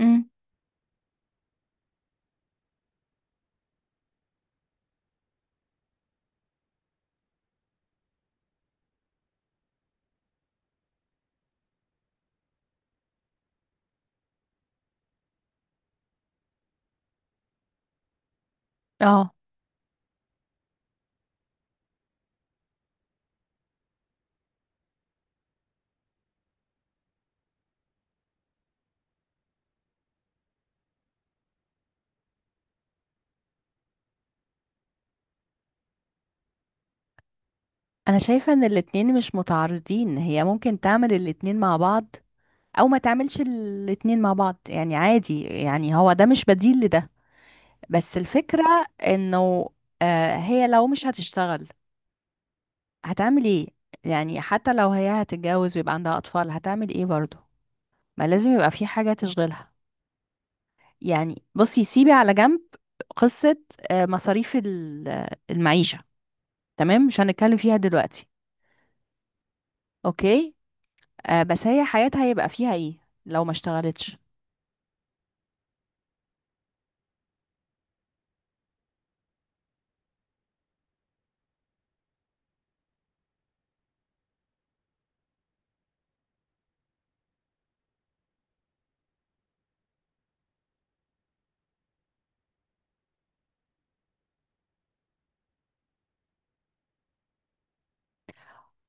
امم اه، انا شايفه ان الاتنين مش متعارضين، هي ممكن تعمل الاتنين مع بعض او ما تعملش الاتنين مع بعض، يعني عادي. يعني هو ده مش بديل لده، بس الفكره انه هي لو مش هتشتغل هتعمل ايه؟ يعني حتى لو هي هتتجوز ويبقى عندها اطفال هتعمل ايه برضه؟ ما لازم يبقى في حاجه تشغلها. يعني بصي، سيبي على جنب قصه مصاريف المعيشه، تمام، مش هنتكلم فيها دلوقتي. اوكي. بس هي حياتها هيبقى فيها ايه لو ما اشتغلتش؟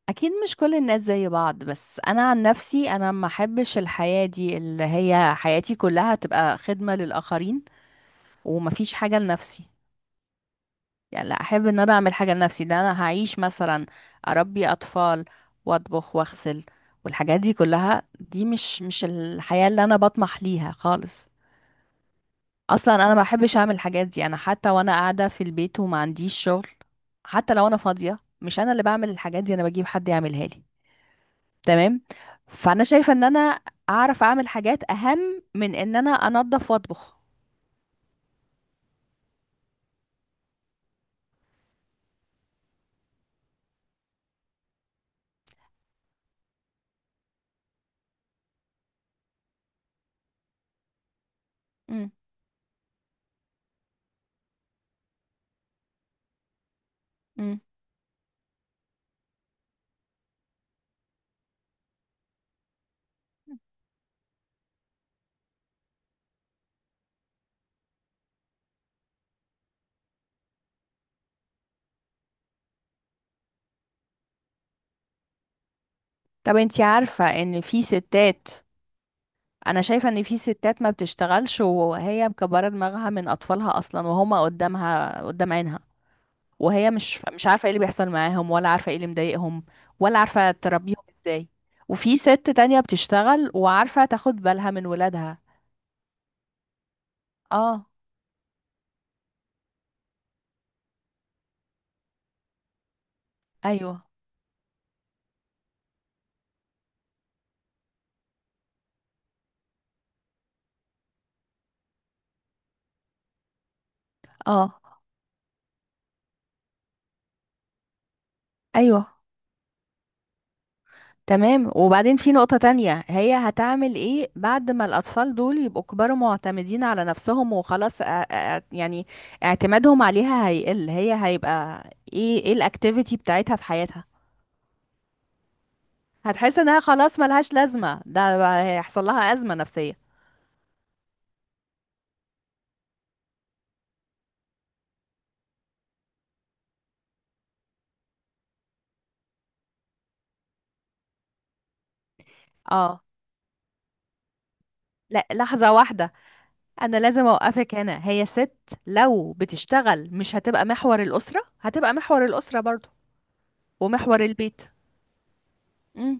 اكيد مش كل الناس زي بعض، بس انا عن نفسي انا ما احبش الحياة دي اللي هي حياتي كلها تبقى خدمة للاخرين ومفيش حاجة لنفسي. يعني لا احب ان انا اعمل حاجة لنفسي، ده انا هعيش مثلا اربي اطفال واطبخ واغسل، والحاجات دي كلها دي مش الحياة اللي انا بطمح ليها خالص. اصلا انا ما بحبش اعمل الحاجات دي، انا حتى وانا قاعده في البيت وما عنديش شغل، حتى لو انا فاضيه مش انا اللي بعمل الحاجات دي، انا بجيب حد يعملها لي. تمام. فانا شايفه ان انا اعرف اعمل حاجات اهم من ان انا انظف واطبخ. مم. مم. طب انتي عارفه ان في ستات، انا شايفه ان في ستات ما بتشتغلش وهي مكبره دماغها من اطفالها اصلا وهما قدامها قدام عينها، وهي مش عارفه ايه اللي بيحصل معاهم ولا عارفه ايه اللي مضايقهم ولا عارفه تربيهم ازاي. وفي ست تانية بتشتغل وعارفه تاخد بالها من ولادها. اه. ايوه. اه. ايوه. تمام، وبعدين في نقطة تانية، هي هتعمل ايه بعد ما الأطفال دول يبقوا كبروا معتمدين على نفسهم وخلاص؟ يعني اعتمادهم عليها هيقل، هي هيبقى ايه؟ ايه الاكتيفيتي بتاعتها في حياتها؟ هتحس انها خلاص ملهاش لازمة، ده بقى هيحصل لها أزمة نفسية. اه. لا، لحظة واحدة، أنا لازم أوقفك هنا. هي ست لو بتشتغل مش هتبقى محور الأسرة؟ هتبقى محور الأسرة برضو ومحور البيت. مم.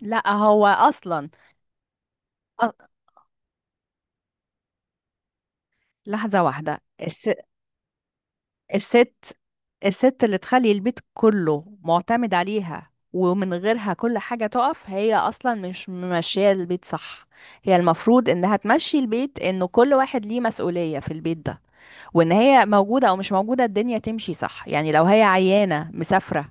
لا هو أصلا، أ- لحظة واحدة، الست، الست اللي تخلي البيت كله معتمد عليها ومن غيرها كل حاجة تقف، هي أصلا مش ماشية البيت صح. هي المفروض إنها تمشي البيت، إنه كل واحد ليه مسؤولية في البيت ده، وإن هي موجودة أو مش موجودة الدنيا تمشي صح. يعني لو هي عيانة، مسافرة،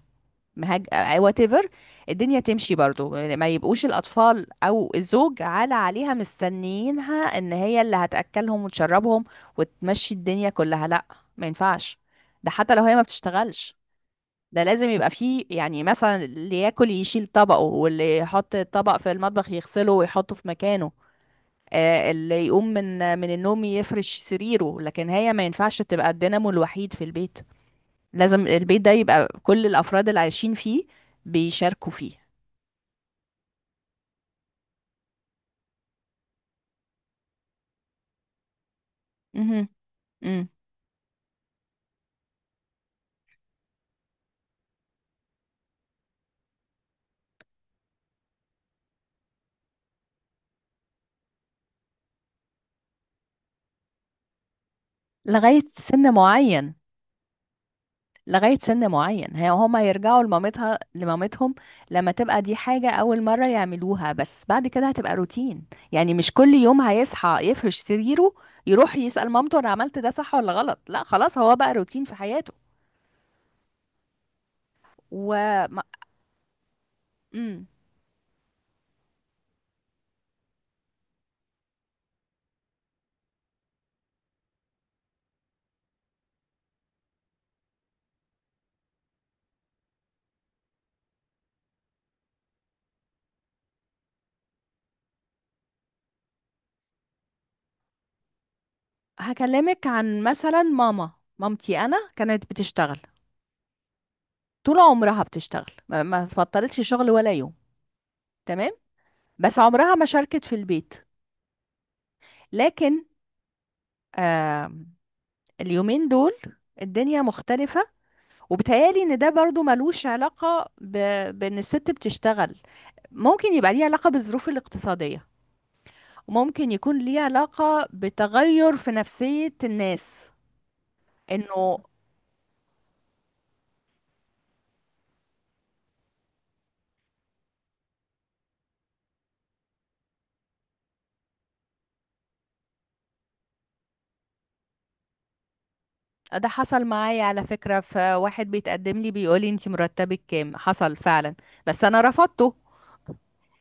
مهاج، وات ايفر، الدنيا تمشي برضو. ما يبقوش الاطفال او الزوج عليها مستنيينها ان هي اللي هتاكلهم وتشربهم وتمشي الدنيا كلها. لا، ما ينفعش. ده حتى لو هي ما بتشتغلش ده لازم يبقى فيه، يعني مثلا اللي ياكل يشيل طبقه، واللي يحط الطبق في المطبخ يغسله ويحطه في مكانه، اللي يقوم من النوم يفرش سريره. لكن هي ما ينفعش تبقى الدينامو الوحيد في البيت، لازم البيت ده يبقى كل الافراد اللي عايشين فيه بيشاركوا فيه. مهم. مم. لغايه سن معين، لغايه سن معين هي هما يرجعوا لمامتها لمامتهم لما تبقى دي حاجه اول مره يعملوها، بس بعد كده هتبقى روتين. يعني مش كل يوم هيصحى يفرش سريره يروح يسال مامته انا عملت ده صح ولا غلط، لا خلاص هو بقى روتين في حياته. و ما- مم. هكلمك عن مثلا ماما، مامتي انا كانت بتشتغل طول عمرها، بتشتغل ما فطرتش شغل ولا يوم، تمام، بس عمرها ما شاركت في البيت. لكن آه اليومين دول الدنيا مختلفة، وبتهيألي ان ده برضو ملوش علاقة بان الست بتشتغل. ممكن يبقى ليه علاقة بالظروف الاقتصادية، وممكن يكون ليه علاقة بتغير في نفسية الناس. انه ده حصل معايا على فكرة، فواحد بيتقدم لي بيقول لي انتي مرتبك كام، حصل فعلا. بس انا رفضته.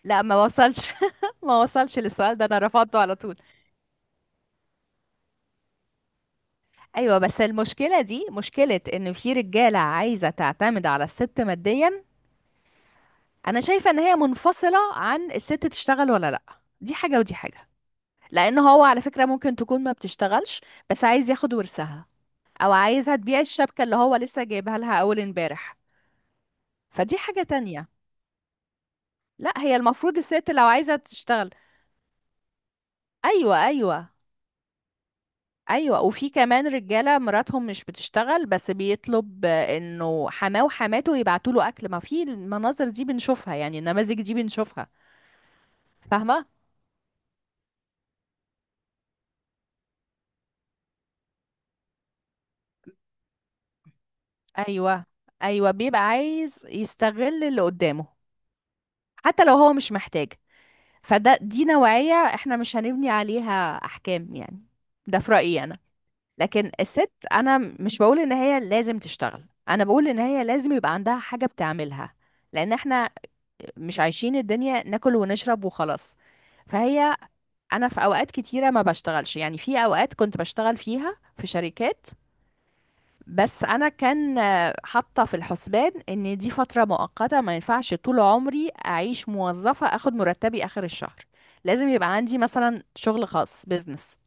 لا، ما وصلش ما وصلش للسؤال ده، انا رفضته على طول. ايوه، بس المشكله دي مشكله ان في رجاله عايزه تعتمد على الست ماديا. انا شايفه ان هي منفصله عن الست تشتغل ولا لا، دي حاجه ودي حاجه. لان هو على فكره ممكن تكون ما بتشتغلش بس عايز ياخد ورثها، او عايزها تبيع الشبكه اللي هو لسه جايبها لها اول امبارح. فدي حاجه تانية. لا هي المفروض الست لو عايزه تشتغل، ايوه، ايوه، ايوه، وفي كمان رجاله مراتهم مش بتشتغل بس بيطلب انه حماه وحماته يبعتوا له اكل، ما في المناظر دي بنشوفها، يعني النماذج دي بنشوفها. فاهمه. ايوه، ايوه، بيبقى عايز يستغل اللي قدامه حتى لو هو مش محتاج. فده دي نوعيه احنا مش هنبني عليها احكام يعني، ده في رايي انا. لكن الست، انا مش بقول ان هي لازم تشتغل، انا بقول ان هي لازم يبقى عندها حاجه بتعملها، لان احنا مش عايشين الدنيا ناكل ونشرب وخلاص. فهي، انا في اوقات كتيره ما بشتغلش، يعني في اوقات كنت بشتغل فيها في شركات، بس انا كان حاطه في الحسبان ان دي فتره مؤقته، ما ينفعش طول عمري اعيش موظفه اخد مرتبي اخر الشهر. لازم يبقى عندي مثلا شغل خاص، بيزنس،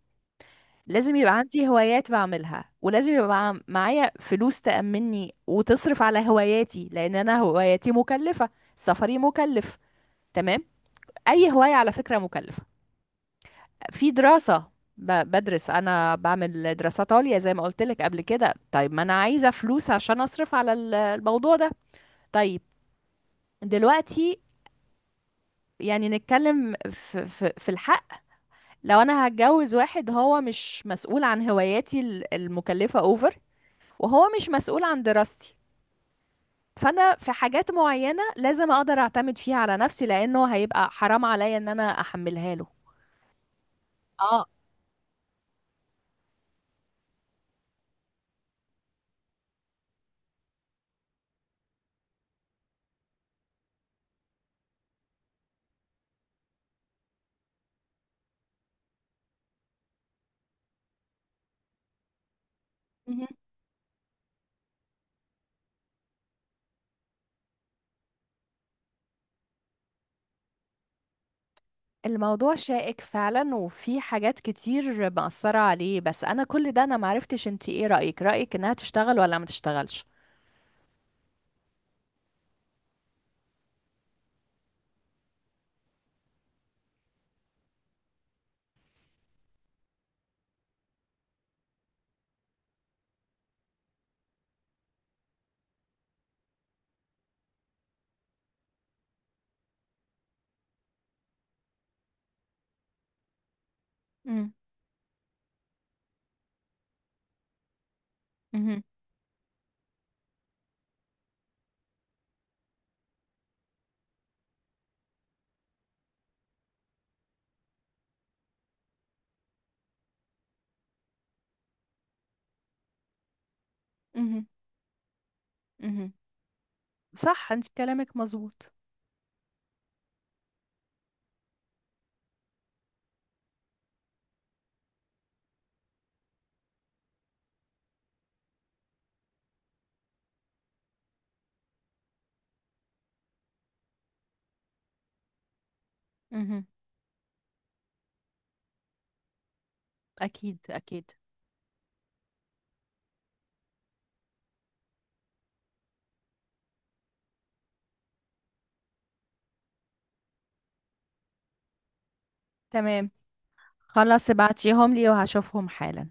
لازم يبقى عندي هوايات بعملها، ولازم يبقى معايا فلوس تأمني وتصرف على هواياتي، لان انا هواياتي مكلفه، سفري مكلف، تمام، اي هواية على فكرة مكلفة. في دراسة، بدرس، انا بعمل دراسات عليا زي ما قلت لك قبل كده، طيب ما انا عايزة فلوس عشان اصرف على الموضوع ده. طيب، دلوقتي يعني نتكلم في الحق، لو انا هتجوز واحد هو مش مسؤول عن هواياتي المكلفة اوفر، وهو مش مسؤول عن دراستي، فانا في حاجات معينة لازم اقدر اعتمد فيها على نفسي، لانه هيبقى حرام عليا ان انا احملها له. اه، الموضوع شائك فعلا وفي حاجات كتير مأثرة عليه، بس أنا كل ده أنا معرفتش انتي ايه رأيك، رأيك إنها تشتغل ولا ما تشتغلش؟ مم. مهم. مهم. مهم. صح، انت كلامك مظبوط. مهم. أكيد، أكيد، تمام، خلاص ابعتيهم لي وهشوفهم حالا.